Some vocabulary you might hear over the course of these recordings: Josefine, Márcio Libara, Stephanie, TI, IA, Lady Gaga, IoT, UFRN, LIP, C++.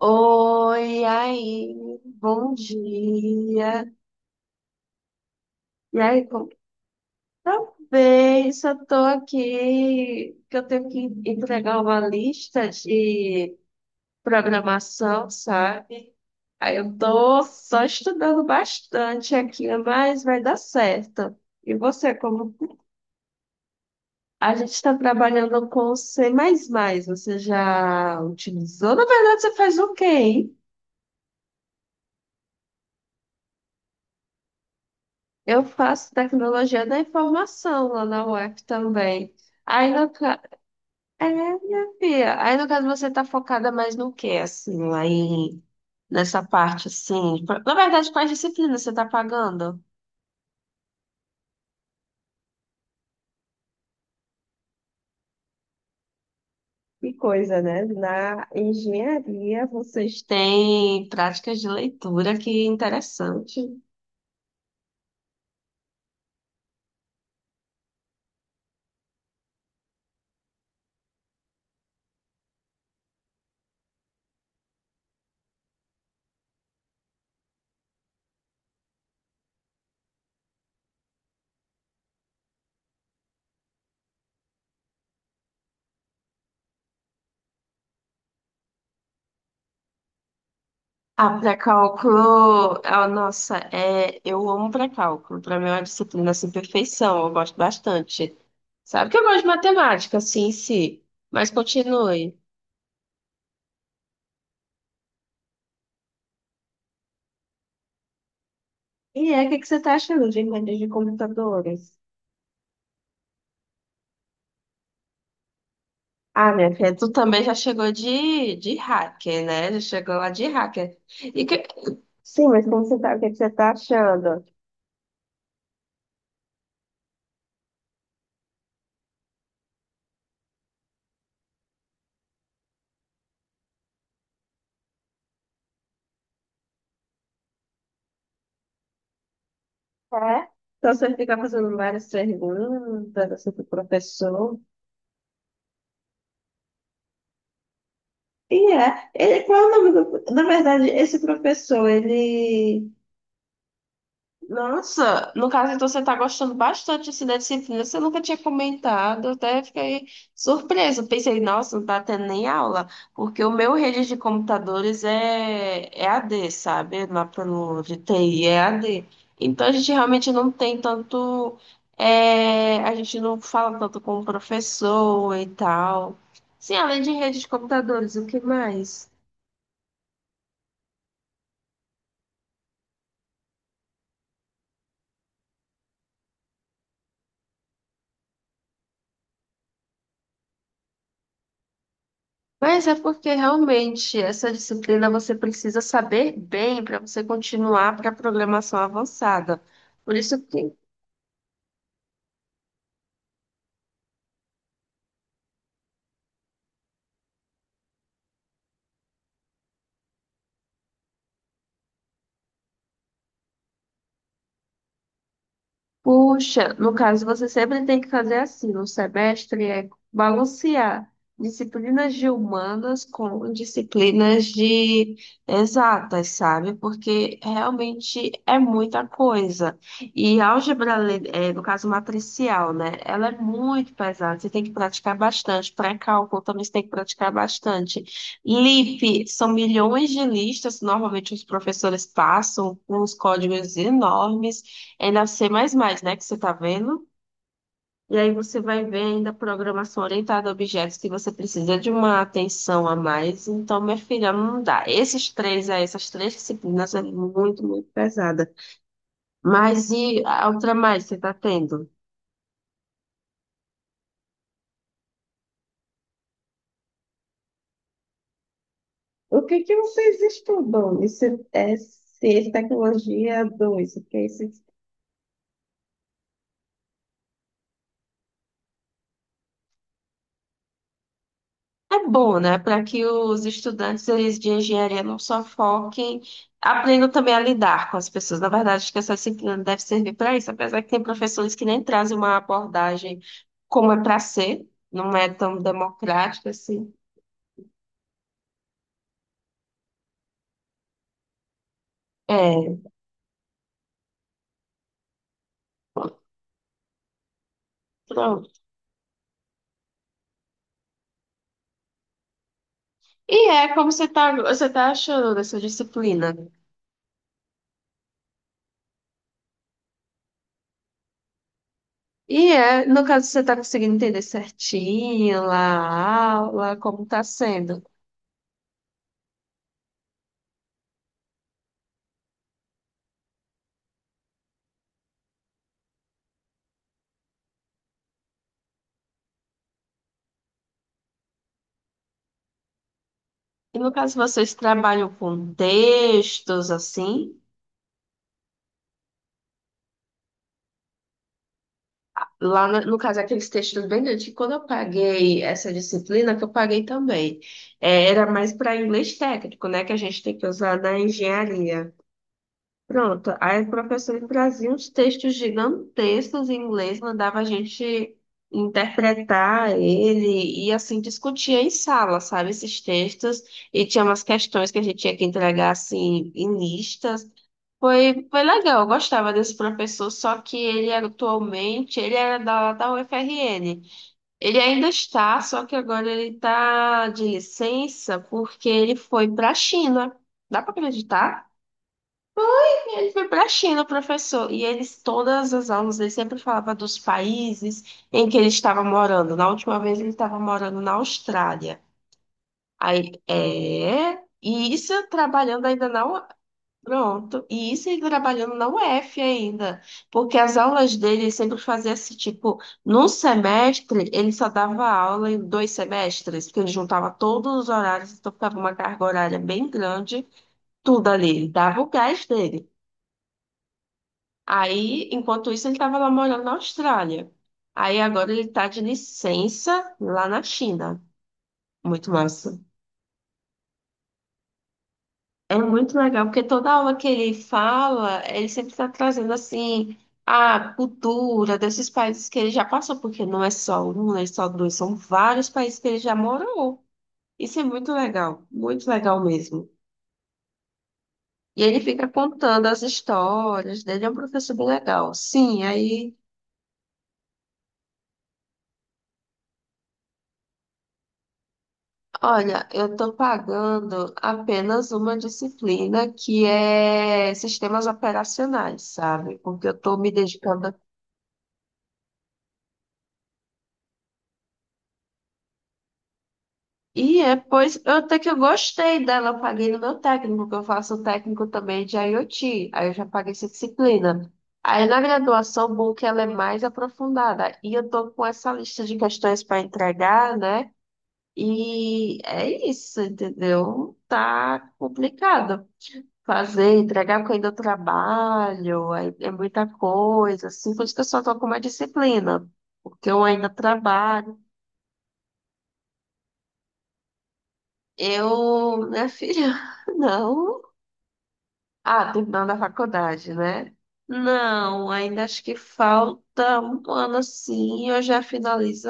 Oi, e aí, bom dia. E aí, como que tá bem? Só tô aqui que eu tenho que entregar uma lista de programação, sabe? Aí eu tô só estudando bastante aqui, mas vai dar certo. E você, como a gente está trabalhando com C++, mais, você já utilizou? Na verdade, você faz o quê, hein? Eu faço tecnologia da informação lá na UF também. Aí no ca... É, minha filha. Aí no caso você tá focada mais no quê, assim, lá em nessa parte, assim? Na verdade, quais disciplinas você tá pagando? Que coisa, né? Na engenharia. Vocês têm práticas de leitura, que interessante. Ah, pré-cálculo, ah, nossa, é, eu amo pré-cálculo. Para mim é uma disciplina assim, perfeição, eu gosto bastante. Sabe que eu gosto de matemática, assim, em si, mas continue. E é, o que que você tá achando de inventos de computadores? Ah, minha filha, tu também já chegou de hacker, né? Já chegou lá de hacker. E que... Sim, mas como você tá, o que que você tá achando? É? Então você fica fazendo várias perguntas assim, pro professor. E é. Ele, qual é o nome do... Na verdade, esse professor, ele... Nossa, no caso, então você está gostando bastante assim, da disciplina. Você nunca tinha comentado, até fiquei surpresa. Pensei, nossa, não está tendo nem aula, porque o meu rede de computadores é a d, sabe? Lá pelo de TI é a d. Então a gente realmente não tem tanto. É, a gente não fala tanto com o professor e tal. Sim, além de rede de computadores, o que mais? Mas é porque realmente essa disciplina você precisa saber bem para você continuar para a programação avançada. Por isso que... Puxa, no caso, você sempre tem que fazer assim, no semestre é balancear disciplinas de humanas com disciplinas de exatas, sabe? Porque realmente é muita coisa. E álgebra, é, no caso matricial, né? Ela é muito pesada, você tem que praticar bastante. Pré-cálculo também você tem que praticar bastante. LIP, são milhões de listas, normalmente os professores passam com uns códigos enormes. É na C++, né, que você está vendo. E aí você vai ver ainda a programação orientada a objetos que você precisa de uma atenção a mais. Então, minha filha, não dá. Esses três, é, essas três disciplinas é muito, muito pesada. Mas e a outra mais você está tendo? O que que vocês estudam? Isso é C, Tecnologia 2? O que é isso? É bom, né, para que os estudantes eles de engenharia não só foquem, aprendam também a lidar com as pessoas. Na verdade, acho que essa disciplina deve servir para isso, apesar que tem professores que nem trazem uma abordagem como é para ser, não é tão democrática assim. É, pronto. E é como você tá achando dessa disciplina? E é, no caso, você tá conseguindo entender certinho lá a aula, como tá sendo? E no caso, vocês trabalham com textos assim? Lá, no caso, aqueles textos bem grandes, que quando eu paguei essa disciplina, que eu paguei também, é, era mais para inglês técnico, né, que a gente tem que usar na engenharia. Pronto, aí o professor trazia uns textos gigantescos em inglês, mandava a gente interpretar ele e assim discutia em sala, sabe, esses textos, e tinha umas questões que a gente tinha que entregar assim em listas. Foi legal, eu gostava desse professor, só que ele era atualmente, ele era da UFRN. Ele ainda está, só que agora ele está de licença porque ele foi para a China. Dá para acreditar? E ele foi para a China, o professor, e eles, todas as aulas, ele sempre falava dos países em que ele estava morando. Na última vez, ele estava morando na Austrália. Aí, é, e isso trabalhando ainda na U- Pronto, e isso ele trabalhando na UF ainda, porque as aulas dele ele sempre fazia assim, tipo, num semestre, ele só dava aula em dois semestres, porque ele juntava todos os horários, então ficava uma carga horária bem grande, tudo ali, ele dava o gás dele. Aí, enquanto isso, ele estava lá morando na Austrália. Aí agora ele está de licença lá na China. Muito massa. É muito legal, porque toda aula que ele fala, ele sempre está trazendo assim a cultura desses países que ele já passou, porque não é só um, não é só dois, são vários países que ele já morou. Isso é muito legal mesmo. E ele fica contando as histórias dele, é um professor bem legal. Sim, aí. Olha, eu estou pagando apenas uma disciplina que é sistemas operacionais, sabe? Porque eu estou me dedicando. E é, pois eu até que eu gostei dela, eu paguei no meu técnico, porque eu faço técnico também de IoT, aí eu já paguei essa disciplina. Aí na graduação, bom que ela é mais aprofundada, e eu estou com essa lista de questões para entregar, né? E é isso, entendeu? Tá complicado fazer, entregar porque eu ainda trabalho, aí é muita coisa, assim, por isso que eu só tô com uma disciplina, porque eu ainda trabalho. Eu, minha filha, não. Ah, terminando a faculdade, né? Não, ainda acho que falta um ano assim, eu já finalizo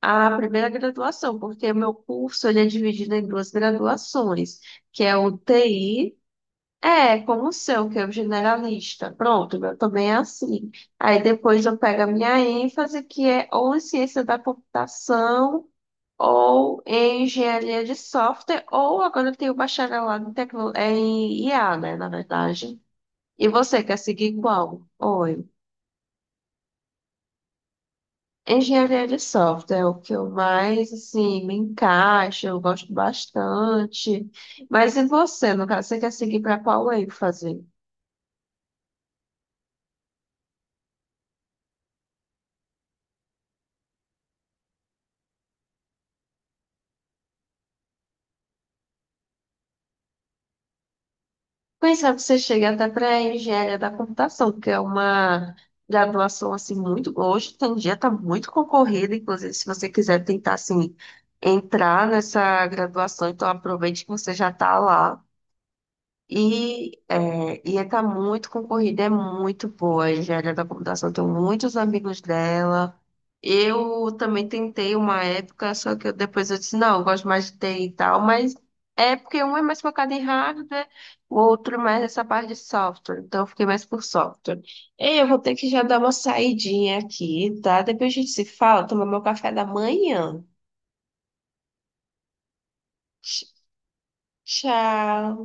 a primeira graduação, porque meu curso ele é dividido em duas graduações, que é o TI. É, como o seu, que é o generalista. Pronto, eu também é assim. Aí depois eu pego a minha ênfase, que é ou em ciência da computação, ou em engenharia de software, ou agora eu tenho um bacharelado em, tecno... é, em IA, né, na verdade. E você quer seguir qual? Oi. Engenharia de software é o que eu mais, assim, me encaixo, eu gosto bastante. Mas e você, no caso, você quer seguir para qual ênfase? Quem sabe você chega até para engenharia da computação, que é uma graduação assim muito hoje em dia está muito concorrida, inclusive se você quiser tentar assim entrar nessa graduação, então aproveite que você já está lá. E, é, e está muito concorrida, é muito boa. A engenharia da computação, tenho muitos amigos dela. Eu também tentei uma época, só que eu- depois eu disse, não, eu gosto mais de TI e tal, mas é porque um é mais focado em hardware, o outro é mais nessa parte de software. Então eu fiquei mais por software. Ei, eu vou ter que já dar uma saidinha aqui, tá? Depois a gente se fala, tomar meu café da manhã. Tch- Tchau.